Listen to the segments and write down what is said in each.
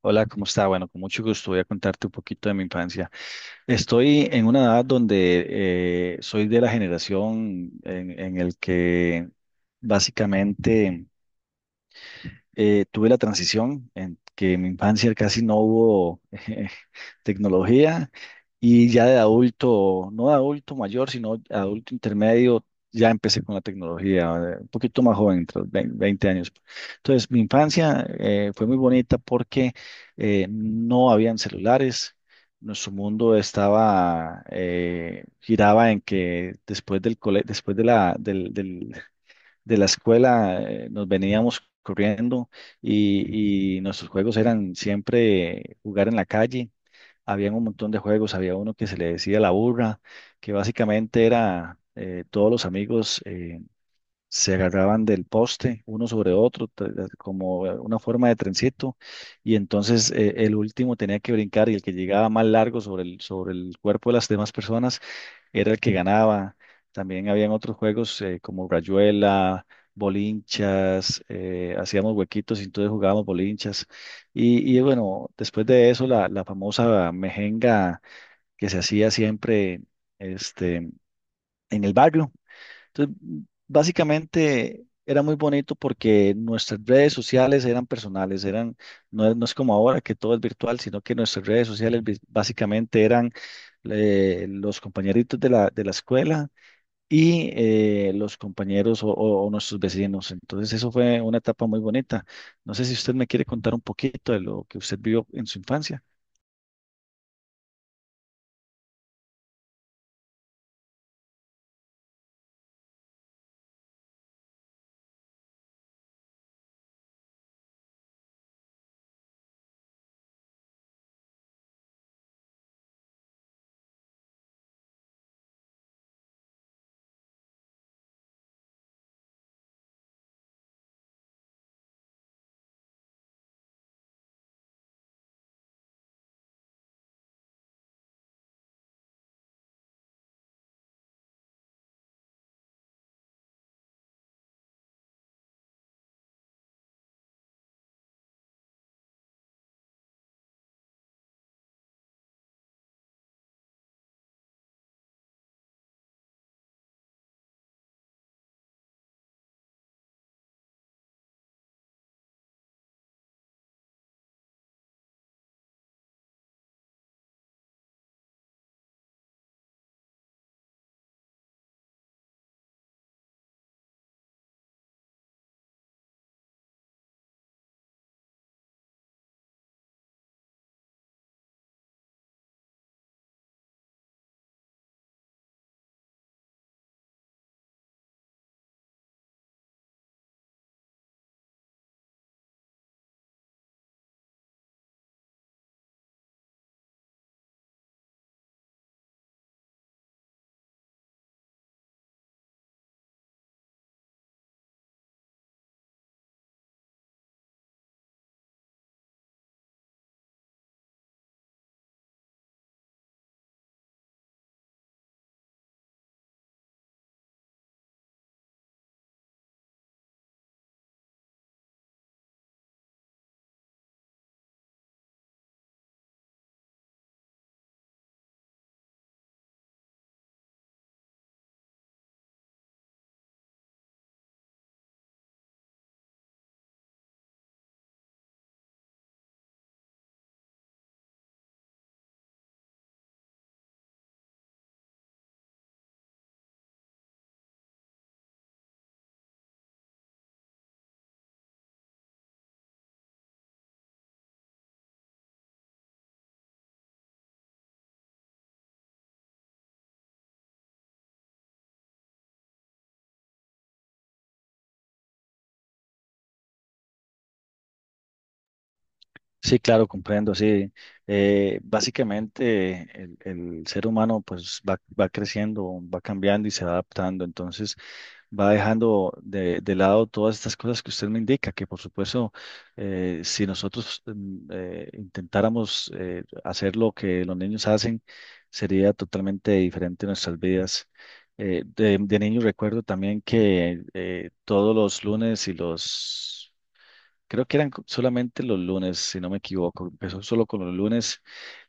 Hola, ¿cómo está? Bueno, con mucho gusto voy a contarte un poquito de mi infancia. Estoy en una edad donde soy de la generación en el que básicamente, tuve la transición en que en mi infancia casi no hubo eh, tecnología, y ya de adulto, no de adulto mayor, sino adulto intermedio, ya empecé con la tecnología, un poquito más joven, entre los 20 años. Entonces, mi infancia fue muy bonita porque no habían celulares. Nuestro mundo giraba en que después después de la escuela, nos veníamos corriendo, y nuestros juegos eran siempre jugar en la calle. Habían un montón de juegos, había uno que se le decía la burra, que básicamente era, todos los amigos se agarraban del poste uno sobre otro, como una forma de trencito, y entonces el último tenía que brincar, y el que llegaba más largo sobre el cuerpo de las demás personas era el que ganaba. También habían otros juegos, como Rayuela, bolinchas, hacíamos huequitos, y entonces jugábamos bolinchas. Y bueno, después de eso, la famosa mejenga que se hacía siempre, este, en el barrio. Entonces, básicamente era muy bonito porque nuestras redes sociales eran personales, no es como ahora que todo es virtual, sino que nuestras redes sociales básicamente eran, los compañeritos de la escuela, y los compañeros o nuestros vecinos. Entonces, eso fue una etapa muy bonita. No sé si usted me quiere contar un poquito de lo que usted vivió en su infancia. Sí, claro, comprendo, sí. Básicamente, el ser humano pues va creciendo, va cambiando y se va adaptando. Entonces, va dejando de lado todas estas cosas que usted me indica, que por supuesto, si nosotros intentáramos hacer lo que los niños hacen, sería totalmente diferente nuestras vidas. De niño recuerdo también que todos los lunes. Creo que eran solamente los lunes, si no me equivoco. Empezó solo con los lunes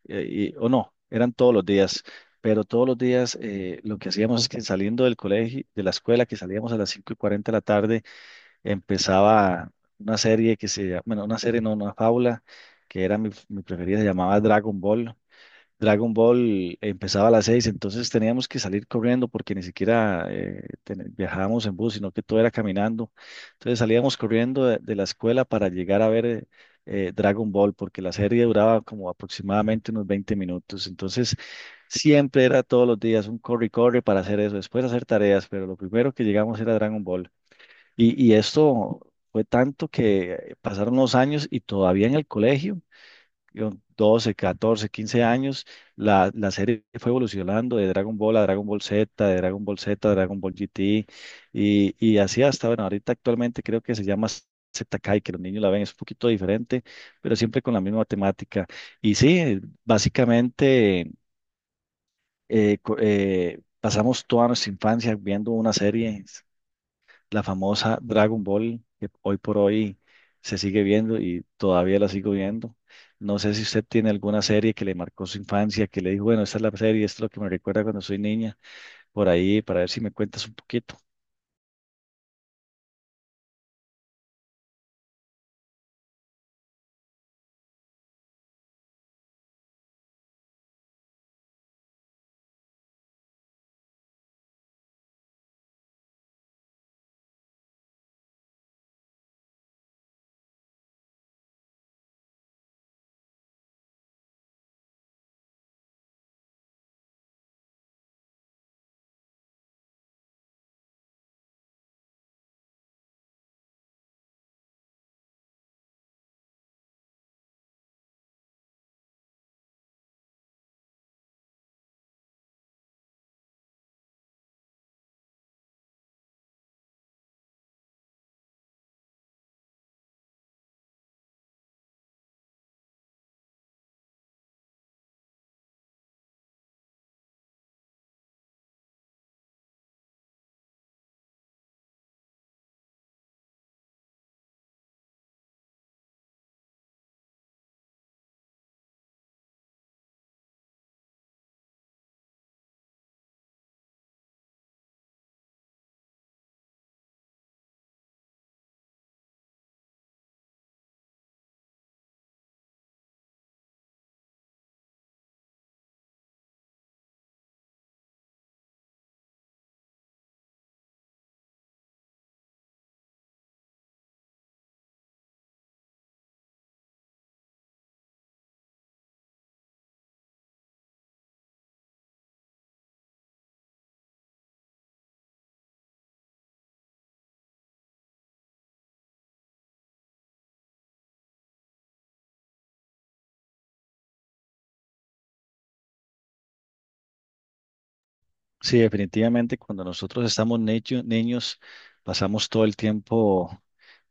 o no, eran todos los días, pero todos los días lo que hacíamos es que saliendo del colegio, de la escuela, que salíamos a las 5:40 de la tarde, empezaba una serie que bueno, una serie, no, una fábula, que era mi preferida, se llamaba Dragon Ball. Dragon Ball empezaba a las seis, entonces teníamos que salir corriendo porque ni siquiera viajábamos en bus, sino que todo era caminando. Entonces salíamos corriendo de la escuela para llegar a ver Dragon Ball, porque la serie duraba como aproximadamente unos 20 minutos. Entonces siempre era todos los días un corre y corre para hacer eso, después hacer tareas, pero lo primero que llegamos era Dragon Ball. Y esto fue tanto que pasaron los años, y todavía en el colegio yo, 12, 14, 15 años, la serie fue evolucionando de Dragon Ball a Dragon Ball Z, de Dragon Ball Z a Dragon Ball GT, y así hasta, bueno, ahorita actualmente creo que se llama ZKai, que los niños la ven, es un poquito diferente, pero siempre con la misma temática. Y sí, básicamente pasamos toda nuestra infancia viendo una serie, la famosa Dragon Ball, que hoy por hoy se sigue viendo y todavía la sigo viendo. No sé si usted tiene alguna serie que le marcó su infancia, que le dijo, bueno, esta es la serie, esto es lo que me recuerda cuando soy niña, por ahí, para ver si me cuentas un poquito. Sí, definitivamente, cuando nosotros estamos niños, pasamos todo el tiempo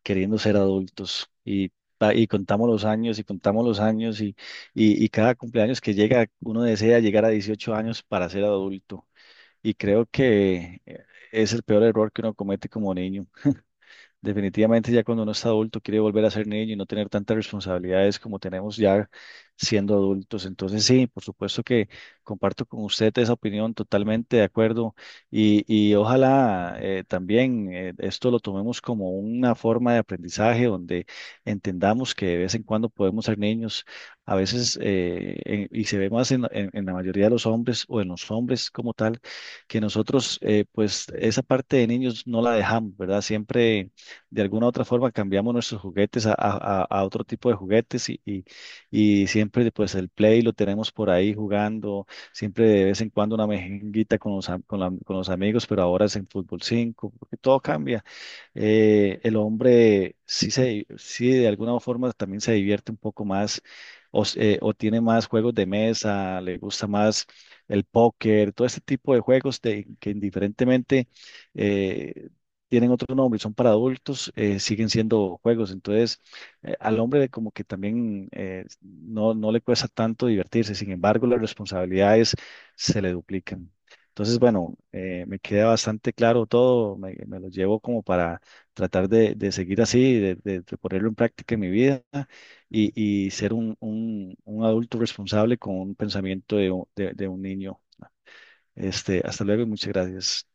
queriendo ser adultos y contamos los años y contamos los años, y cada cumpleaños que llega, uno desea llegar a 18 años para ser adulto. Y creo que es el peor error que uno comete como niño. Definitivamente ya cuando uno es adulto quiere volver a ser niño y no tener tantas responsabilidades como tenemos ya siendo adultos. Entonces sí, por supuesto que comparto con usted esa opinión, totalmente de acuerdo, y ojalá también esto lo tomemos como una forma de aprendizaje donde entendamos que de vez en cuando podemos ser niños. A veces y se ve más en la mayoría de los hombres o en los hombres como tal, que nosotros pues esa parte de niños no la dejamos, ¿verdad? Siempre, de alguna u otra forma, cambiamos nuestros juguetes a otro tipo de juguetes, y siempre pues el Play lo tenemos por ahí jugando, siempre de vez en cuando una mejenguita con los, am- con la- con los amigos, pero ahora es en Fútbol 5 porque todo cambia. El hombre sí de alguna forma también se divierte un poco más, o tiene más juegos de mesa, le gusta más el póker, todo este tipo de juegos que indiferentemente eh, tienen otro nombre y son para adultos, siguen siendo juegos. Entonces, al hombre como que también no, no le cuesta tanto divertirse, sin embargo, las responsabilidades se le duplican. Entonces, bueno, me queda bastante claro todo, me lo llevo como para tratar de seguir así, de ponerlo en práctica en mi vida, y, y ser un adulto responsable con un pensamiento de un niño. Hasta luego y muchas gracias.